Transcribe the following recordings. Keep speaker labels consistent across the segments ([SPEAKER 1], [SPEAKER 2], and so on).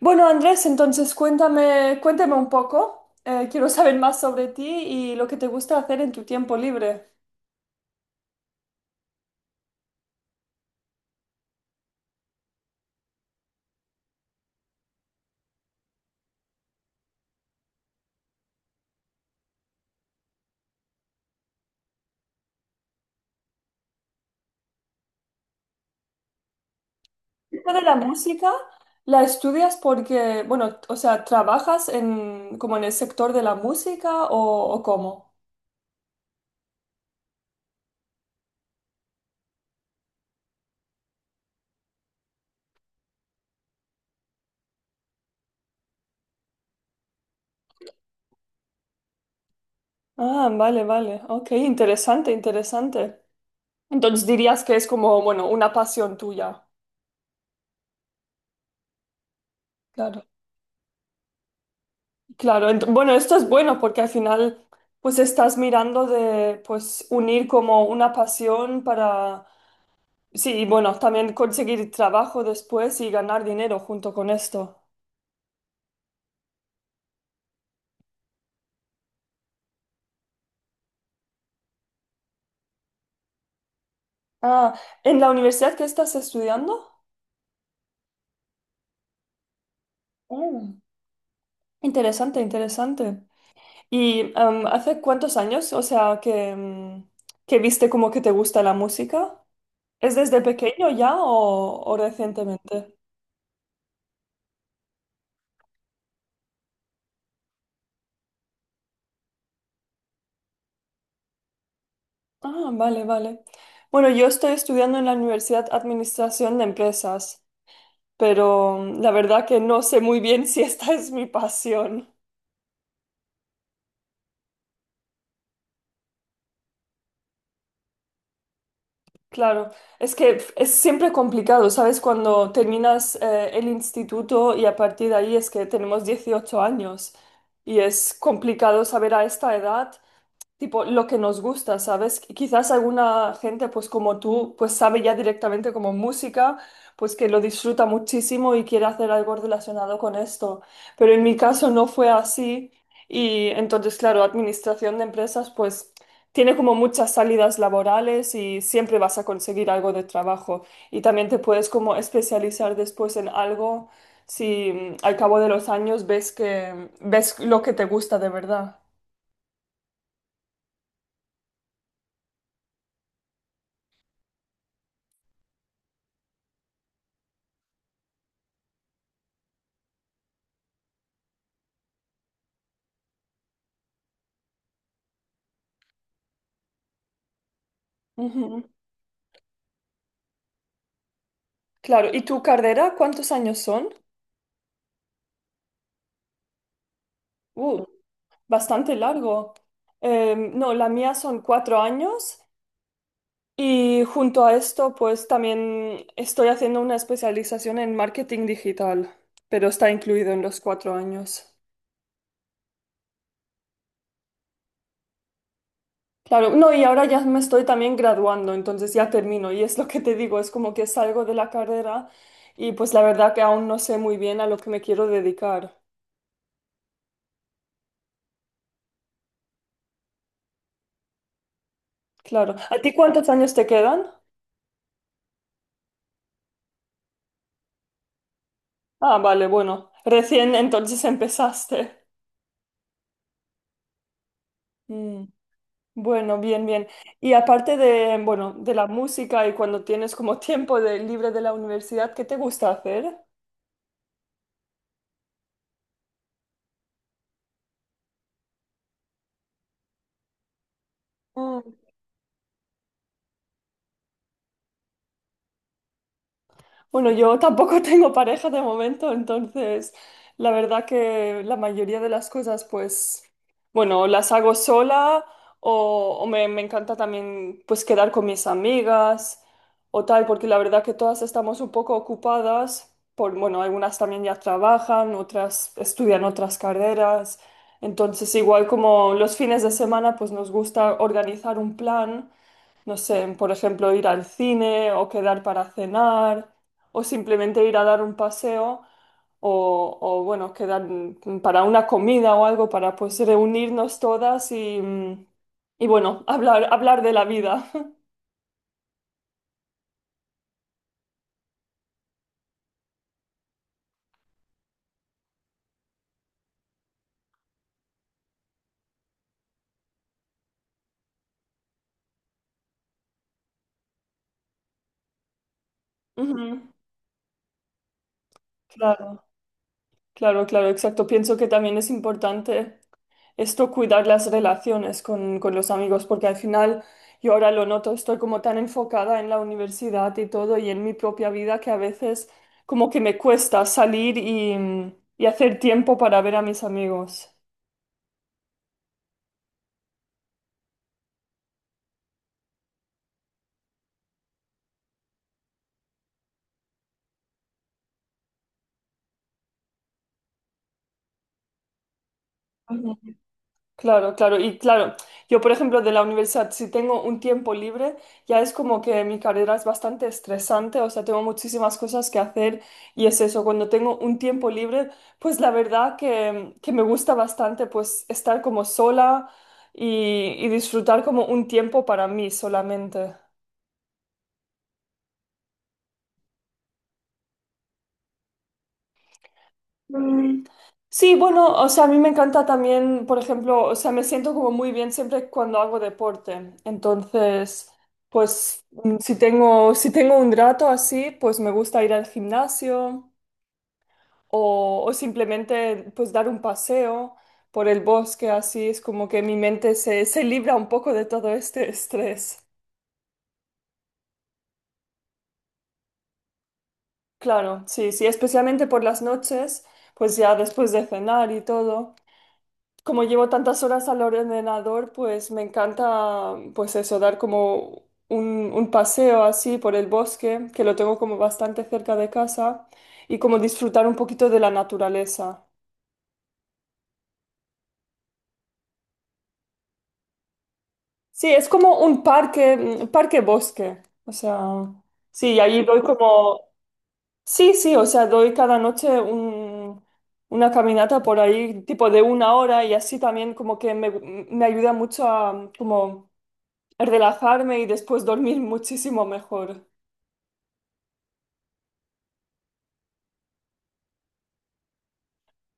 [SPEAKER 1] Bueno, Andrés, entonces cuéntame, cuéntame un poco. Quiero saber más sobre ti y lo que te gusta hacer en tu tiempo libre. Esto de la música, ¿la estudias porque, bueno, o sea, trabajas en como en el sector de la música o cómo? Ah, vale, vale. Ok, interesante, interesante. Entonces dirías que es como, bueno, una pasión tuya. Claro. Claro, bueno, esto es bueno porque al final pues estás mirando de pues unir como una pasión para. Sí, y bueno, también conseguir trabajo después y ganar dinero junto con esto. Ah, ¿en la universidad que estás estudiando? Mm, interesante, interesante. ¿Y hace cuántos años, o sea, que viste como que te gusta la música? ¿Es desde pequeño ya o recientemente? Ah, vale, vale. Bueno, yo estoy estudiando en la Universidad Administración de Empresas, pero la verdad que no sé muy bien si esta es mi pasión. Claro, es siempre complicado, ¿sabes? Cuando terminas el instituto y a partir de ahí es que tenemos 18 años y es complicado saber a esta edad tipo lo que nos gusta, ¿sabes? Quizás alguna gente, pues como tú, pues sabe ya directamente como música, pues que lo disfruta muchísimo y quiere hacer algo relacionado con esto. Pero en mi caso no fue así y entonces, claro, administración de empresas, pues tiene como muchas salidas laborales y siempre vas a conseguir algo de trabajo y también te puedes como especializar después en algo. Si al cabo de los años ves lo que te gusta de verdad. Claro, ¿y tu carrera cuántos años son? Uh, Bastante largo. No, la mía son 4 años y junto a esto pues también estoy haciendo una especialización en marketing digital, pero está incluido en los 4 años. Claro, no, y ahora ya me estoy también graduando, entonces ya termino y es lo que te digo, es como que salgo de la carrera y pues la verdad que aún no sé muy bien a lo que me quiero dedicar. Claro, ¿a ti cuántos años te quedan? Ah, vale, bueno. Recién entonces empezaste. Mm. Bueno, bien, bien. Y aparte de, bueno, de la música y cuando tienes como tiempo libre de la universidad, ¿qué te gusta hacer? Bueno, yo tampoco tengo pareja de momento, entonces la verdad que la mayoría de las cosas, pues, bueno, las hago sola o me encanta también, pues, quedar con mis amigas o tal, porque la verdad que todas estamos un poco ocupadas, por, bueno, algunas también ya trabajan, otras estudian otras carreras, entonces igual como los fines de semana, pues nos gusta organizar un plan. No sé, por ejemplo, ir al cine o quedar para cenar o simplemente ir a dar un paseo o, bueno, quedar para una comida o algo para pues reunirnos todas y bueno, hablar, hablar de la vida. Ujú. Claro, claro, claro, exacto. Pienso que también es importante esto cuidar las relaciones con los amigos, porque al final yo ahora lo noto, estoy como tan enfocada en la universidad y todo y en mi propia vida que a veces como que me cuesta salir y hacer tiempo para ver a mis amigos. Claro, claro. Y claro, yo por ejemplo de la universidad, si tengo un tiempo libre, ya es como que mi carrera es bastante estresante, o sea, tengo muchísimas cosas que hacer y es eso, cuando tengo un tiempo libre, pues la verdad que me gusta bastante pues estar como sola y disfrutar como un tiempo para mí solamente. Mm, sí, bueno, o sea, a mí me encanta también, por ejemplo, o sea, me siento como muy bien siempre cuando hago deporte. Entonces, pues si tengo un rato así, pues me gusta ir al gimnasio o simplemente pues dar un paseo por el bosque, así es como que mi mente se libra un poco de todo este estrés. Claro, sí, sí, especialmente por las noches, pues ya después de cenar y todo. Como llevo tantas horas al ordenador, pues me encanta, pues eso, dar como un paseo así por el bosque, que lo tengo como bastante cerca de casa, y como disfrutar un poquito de la naturaleza. Sí, es como un parque, parque bosque. O sea, sí, y ahí doy como, sí, sí, o sea, doy cada noche una caminata por ahí, tipo de 1 hora, y así también como que me ayuda mucho a, como relajarme y después dormir muchísimo mejor.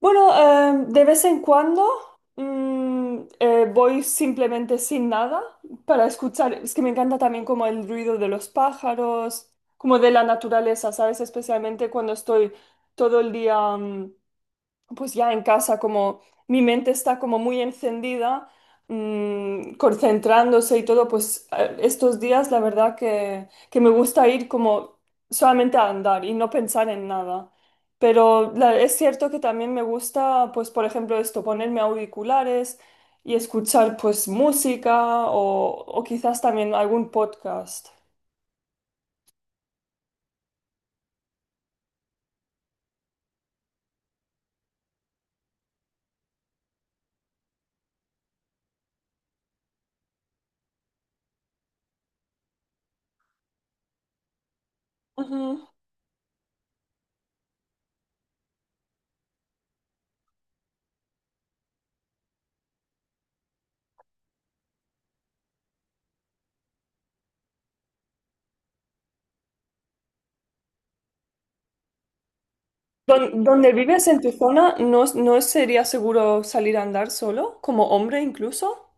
[SPEAKER 1] Bueno, de vez en cuando voy simplemente sin nada para escuchar. Es que me encanta también como el ruido de los pájaros, como de la naturaleza, ¿sabes? Especialmente cuando estoy todo el día pues ya en casa, como mi mente está como muy encendida, concentrándose y todo, pues estos días la verdad que me gusta ir como solamente a andar y no pensar en nada. Pero es cierto que también me gusta, pues por ejemplo esto, ponerme auriculares y escuchar pues música o quizás también algún podcast. Ujú. ¿Donde vives en tu zona no sería seguro salir a andar solo, como hombre incluso?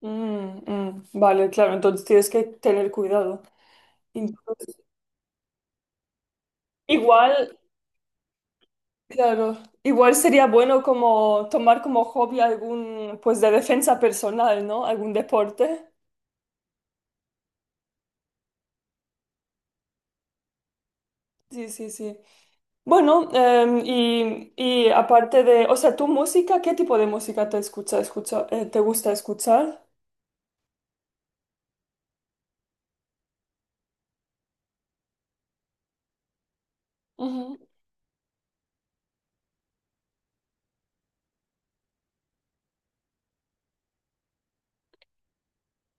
[SPEAKER 1] Mm, mm, vale, claro, entonces tienes que tener cuidado. Entonces, igual, claro, igual sería bueno como tomar como hobby algún, pues de defensa personal, ¿no? Algún deporte. Sí, sí, sí. Bueno, y aparte de, o sea, tu música, ¿qué tipo de música te gusta escuchar? Ujú.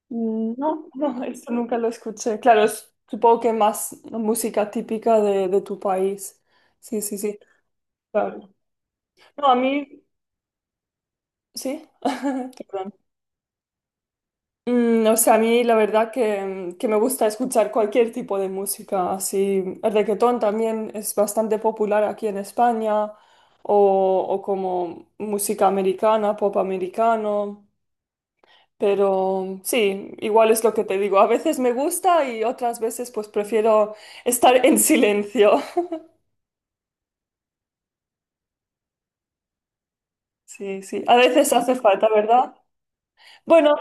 [SPEAKER 1] Mm, no, no, eso nunca lo escuché. Claro, supongo que más música típica de tu país. Sí, sí, sí. Claro. No, a mí. Sí, perdón. Mm, o sea, a mí la verdad que me gusta escuchar cualquier tipo de música, así el reggaetón también es bastante popular aquí en España, o como música americana, pop americano, pero sí, igual es lo que te digo, a veces me gusta y otras veces pues prefiero estar en silencio. Sí, sí, a veces hace falta, ¿verdad? Bueno,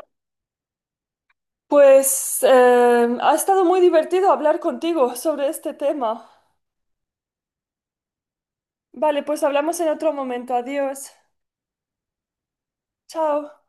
[SPEAKER 1] pues ha estado muy divertido hablar contigo sobre este tema. Vale, pues hablamos en otro momento. Adiós. Chao.